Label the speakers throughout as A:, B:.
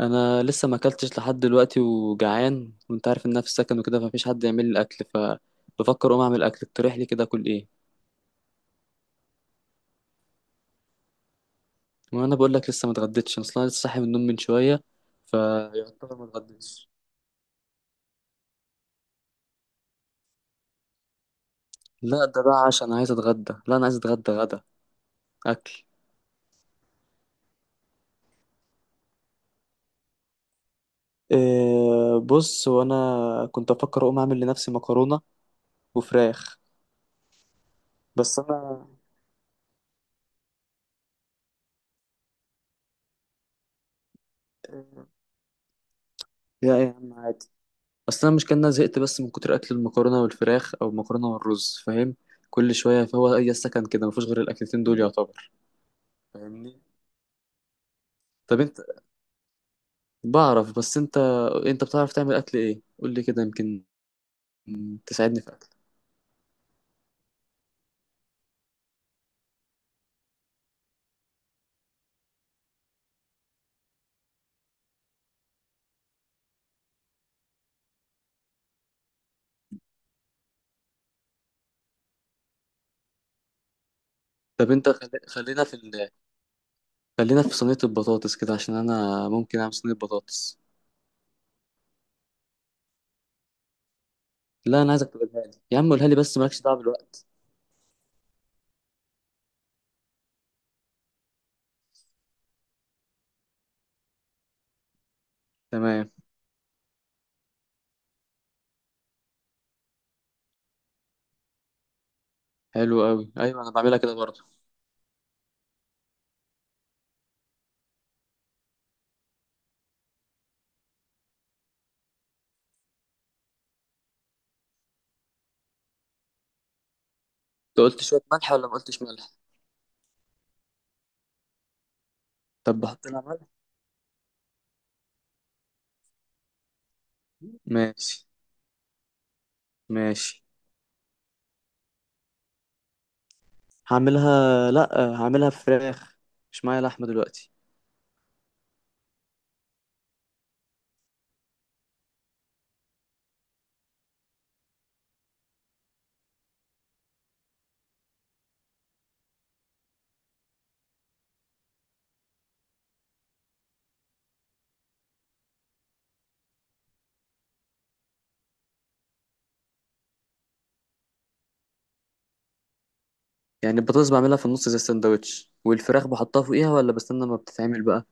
A: انا لسه ما اكلتش لحد دلوقتي وجعان، وانت عارف ان انا في السكن وكده، فمفيش حد يعمل لي الاكل. فبفكر اقوم اعمل اكل. اقترح لي كده اكل ايه؟ وانا بقول لك لسه ما اتغديتش. انا اصلا لسه صاحي من النوم من شويه، فيعتبر ما اتغديتش. لا ده بقى عشان عايز اتغدى. لا، انا عايز اتغدى غدا. اكل. إيه؟ بص، وانا كنت افكر اقوم اعمل لنفسي مكرونه وفراخ. بس انا إيه، لا يا عم عادي. اصل انا مش كان أنا زهقت، بس من كتر اكل المكرونه والفراخ او المكرونه والرز، فاهم؟ كل شويه، فهو اي سكن كده مفيش غير الاكلتين دول يعتبر. فاهمني. طب انت، بعرف، بس انت، انت بتعرف تعمل اكل ايه؟ قول لي كده يمكن تساعدني في اكل. طب انت خلينا خلينا في صينيه البطاطس كده، عشان انا ممكن اعمل صينيه بطاطس. لا انا عايزك تقولها لي، يا عم قولها لي بس مالكش دعوه بالوقت. تمام. حلو قوي، ايوه انا بعملها كده برضه. انت قلت شويه ملح ولا ما قلتش ملح؟ طب بحط لها ملح. ماشي، ماشي. هعملها لا، هعملها فراخ. مش معايا لحمة دلوقتي. يعني البطاطس بعملها في النص زي السندوتش والفراخ بحطها فوقيها، ولا بستنى ما بتتعمل بقى؟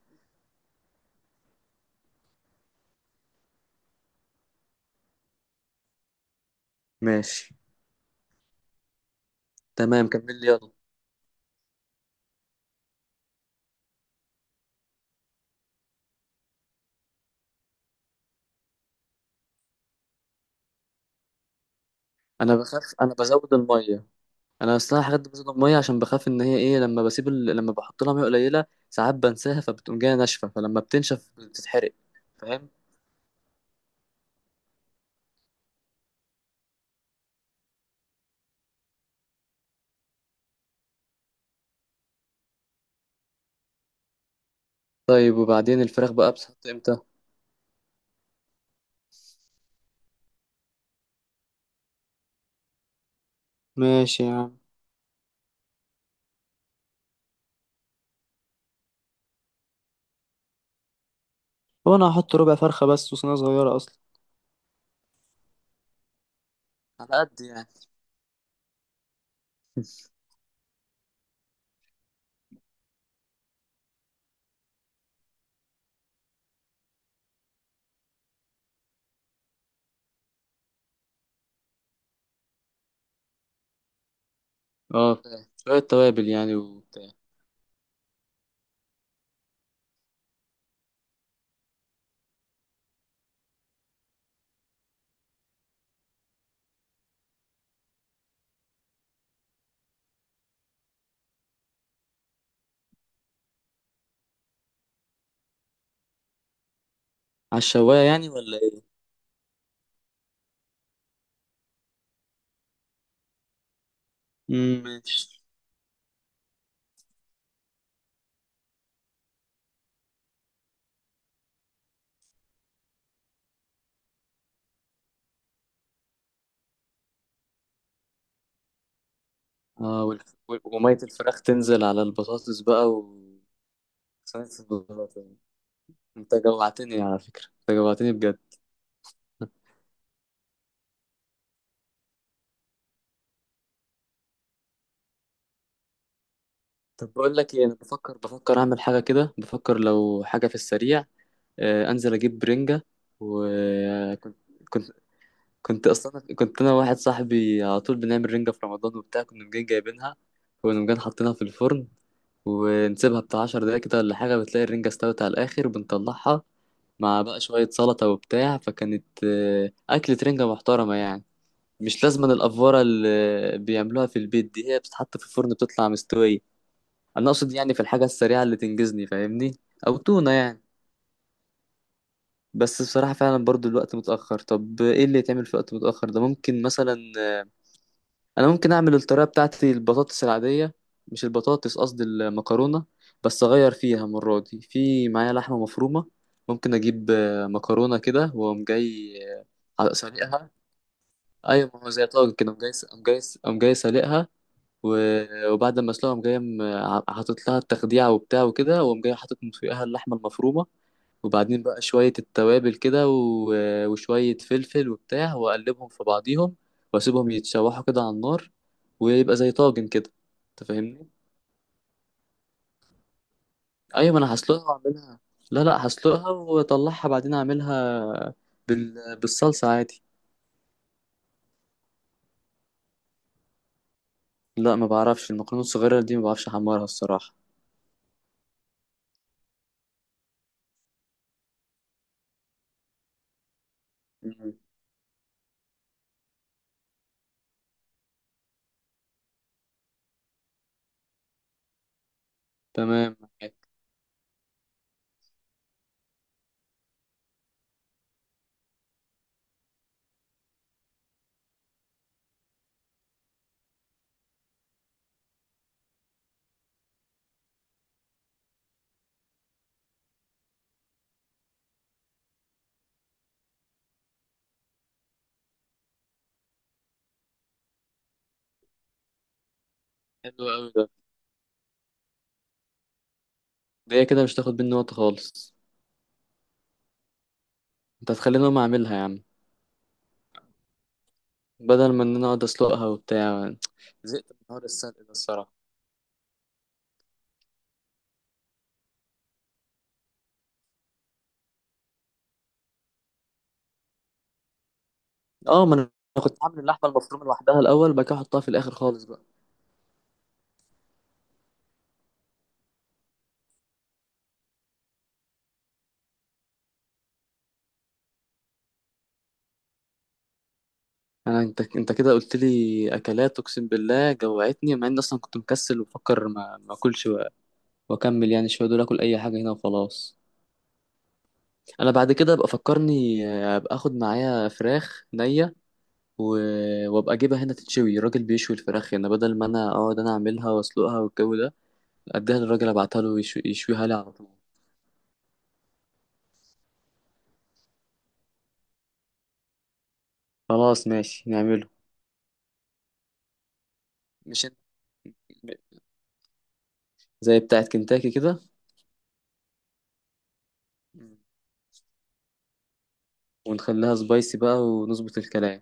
A: ماشي. تمام كمل لي يلا. انا بخاف، انا بزود المية. انا اصلا الحاجات دي بزود المية، عشان بخاف ان هي ايه لما لما بحط لها مية قليلة ساعات بنساها، فبتقوم جاية ناشفة، فلما بتنشف بتتحرق. فاهم؟ طيب وبعدين الفراخ بقى بتحط امتى؟ ماشي يا عم. هو انا هحط ربع فرخة بس، وصينية صغيرة اصلا، على قد يعني. اه فاهم. شوية توابل يعني وبتاع. على الشواية يعني ولا ايه؟ مم، ماشي. اه والف... و- ومية الفراخ تنزل على البطاطس بقى و... صينية البطاطس. انت جوعتني على فكرة، انت جوعتني بجد. طب بقول لك ايه، انا بفكر، بفكر اعمل حاجة كده، بفكر لو حاجة في السريع. آه انزل اجيب برنجة. وكنت كنت كنت اصلا، كنت انا واحد صاحبي على طول بنعمل رنجة في رمضان وبتاع، كنا مجان جايبينها، كنا مجان حاطينها في الفرن ونسيبها بتاع 10 دقايق كده ولا حاجة، بتلاقي الرنجة استوت على الآخر بنطلعها مع بقى شوية سلطة وبتاع. فكانت أكلة رنجة محترمة يعني. مش لازم الأفورة اللي بيعملوها في البيت دي. هي بتتحط في الفرن بتطلع مستوية. أنا أقصد يعني في الحاجة السريعة اللي تنجزني، فاهمني؟ أو تونة يعني. بس بصراحة فعلا برضو الوقت متأخر. طب إيه اللي يتعمل في وقت متأخر ده؟ ممكن مثلا انا ممكن اعمل الطريقه بتاعتي، البطاطس العاديه، مش البطاطس، قصدي المكرونه. بس اغير فيها المره دي، في معايا لحمه مفرومه. ممكن اجيب مكرونه كده واقوم جاي سالقها. ايوه، ما هو زي طاجن كده قوم جاي سالقها. وبعد ما اسلقها قوم جاي حاطط لها التخديعه وبتاع وكده، واقوم جاي حاطط من فوقها اللحمه المفرومه. وبعدين بقى شوية التوابل كده وشوية فلفل وبتاع، وأقلبهم في بعضيهم وأسيبهم يتشوحوا كده على النار، ويبقى زي طاجن كده. أنت فاهمني؟ أيوة، ما أنا هسلقها وأعملها. لا لا، هسلقها وأطلعها بعدين أعملها بالصلصة عادي. لا ما بعرفش المكرونة الصغيرة دي، ما بعرفش أحمرها الصراحة. مم. تمام معاك. حلو أوي ده. ده هي كده مش هتاخد مني وقت خالص. أنت هتخليني أقوم أعملها يا عم، بدل ما إن أنا أقعد أسلقها وبتاع. زهقت من حوار السلق ده الصراحة. اه ما انا كنت عامل اللحمه المفرومه لوحدها الاول بعد كده احطها في الاخر خالص بقى. انا انت كده قلت لي اكلات اقسم بالله جوعتني، مع اني اصلا كنت مكسل وفكر ما اكلش، واكمل يعني شويه دول اكل اي حاجه هنا وخلاص. انا بعد كده ابقى فكرني ابقى اخد معايا فراخ نيه و... وابقى اجيبها هنا تتشوي. الراجل بيشوي الفراخ هنا بدل ما انا اقعد انا اعملها واسلقها والجو ده. اديها للراجل ابعتها له يشويها لي على طول. خلاص ماشي نعمله. مش انت-... زي بتاعت كنتاكي كده. ونخليها سبايسي بقى ونظبط الكلام.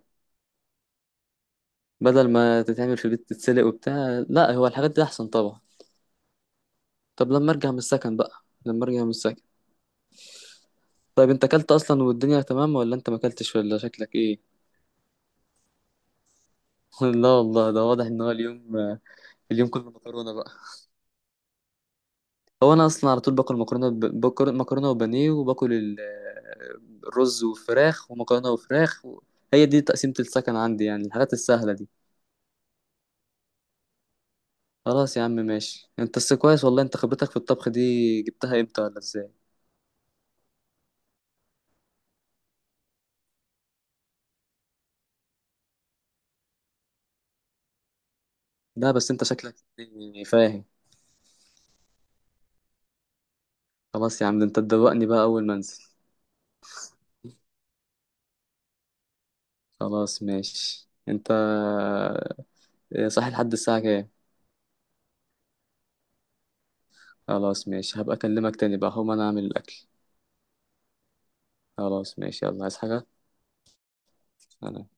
A: بدل ما تتعمل في البيت تتسلق وبتاع، لا هو الحاجات دي احسن طبعا. طب لما ارجع من السكن بقى. لما ارجع من السكن. طيب انت اكلت اصلا والدنيا تمام، ولا انت ما اكلتش ولا شكلك ايه؟ لا والله ده واضح ان هو اليوم اليوم كله مكرونه بقى. هو انا اصلا على طول باكل مكرونه، باكل مكرونه وبانيه وباكل الرز وفراخ ومكرونه وفراخ و... هي دي تقسيمه السكن عندي يعني، الحاجات السهله دي. خلاص يا عم ماشي. انت بس كويس والله، انت خبرتك في الطبخ دي جبتها امتى ولا ازاي؟ لا بس انت شكلك يعني فاهم. خلاص يا عم ده انت تدوقني بقى اول ما انزل. خلاص ماشي. انت صحي لحد الساعة كام؟ خلاص ماشي. هبقى اكلمك تاني بقى. هقوم انا اعمل الاكل. خلاص ماشي يلا عايز حاجة. سلام.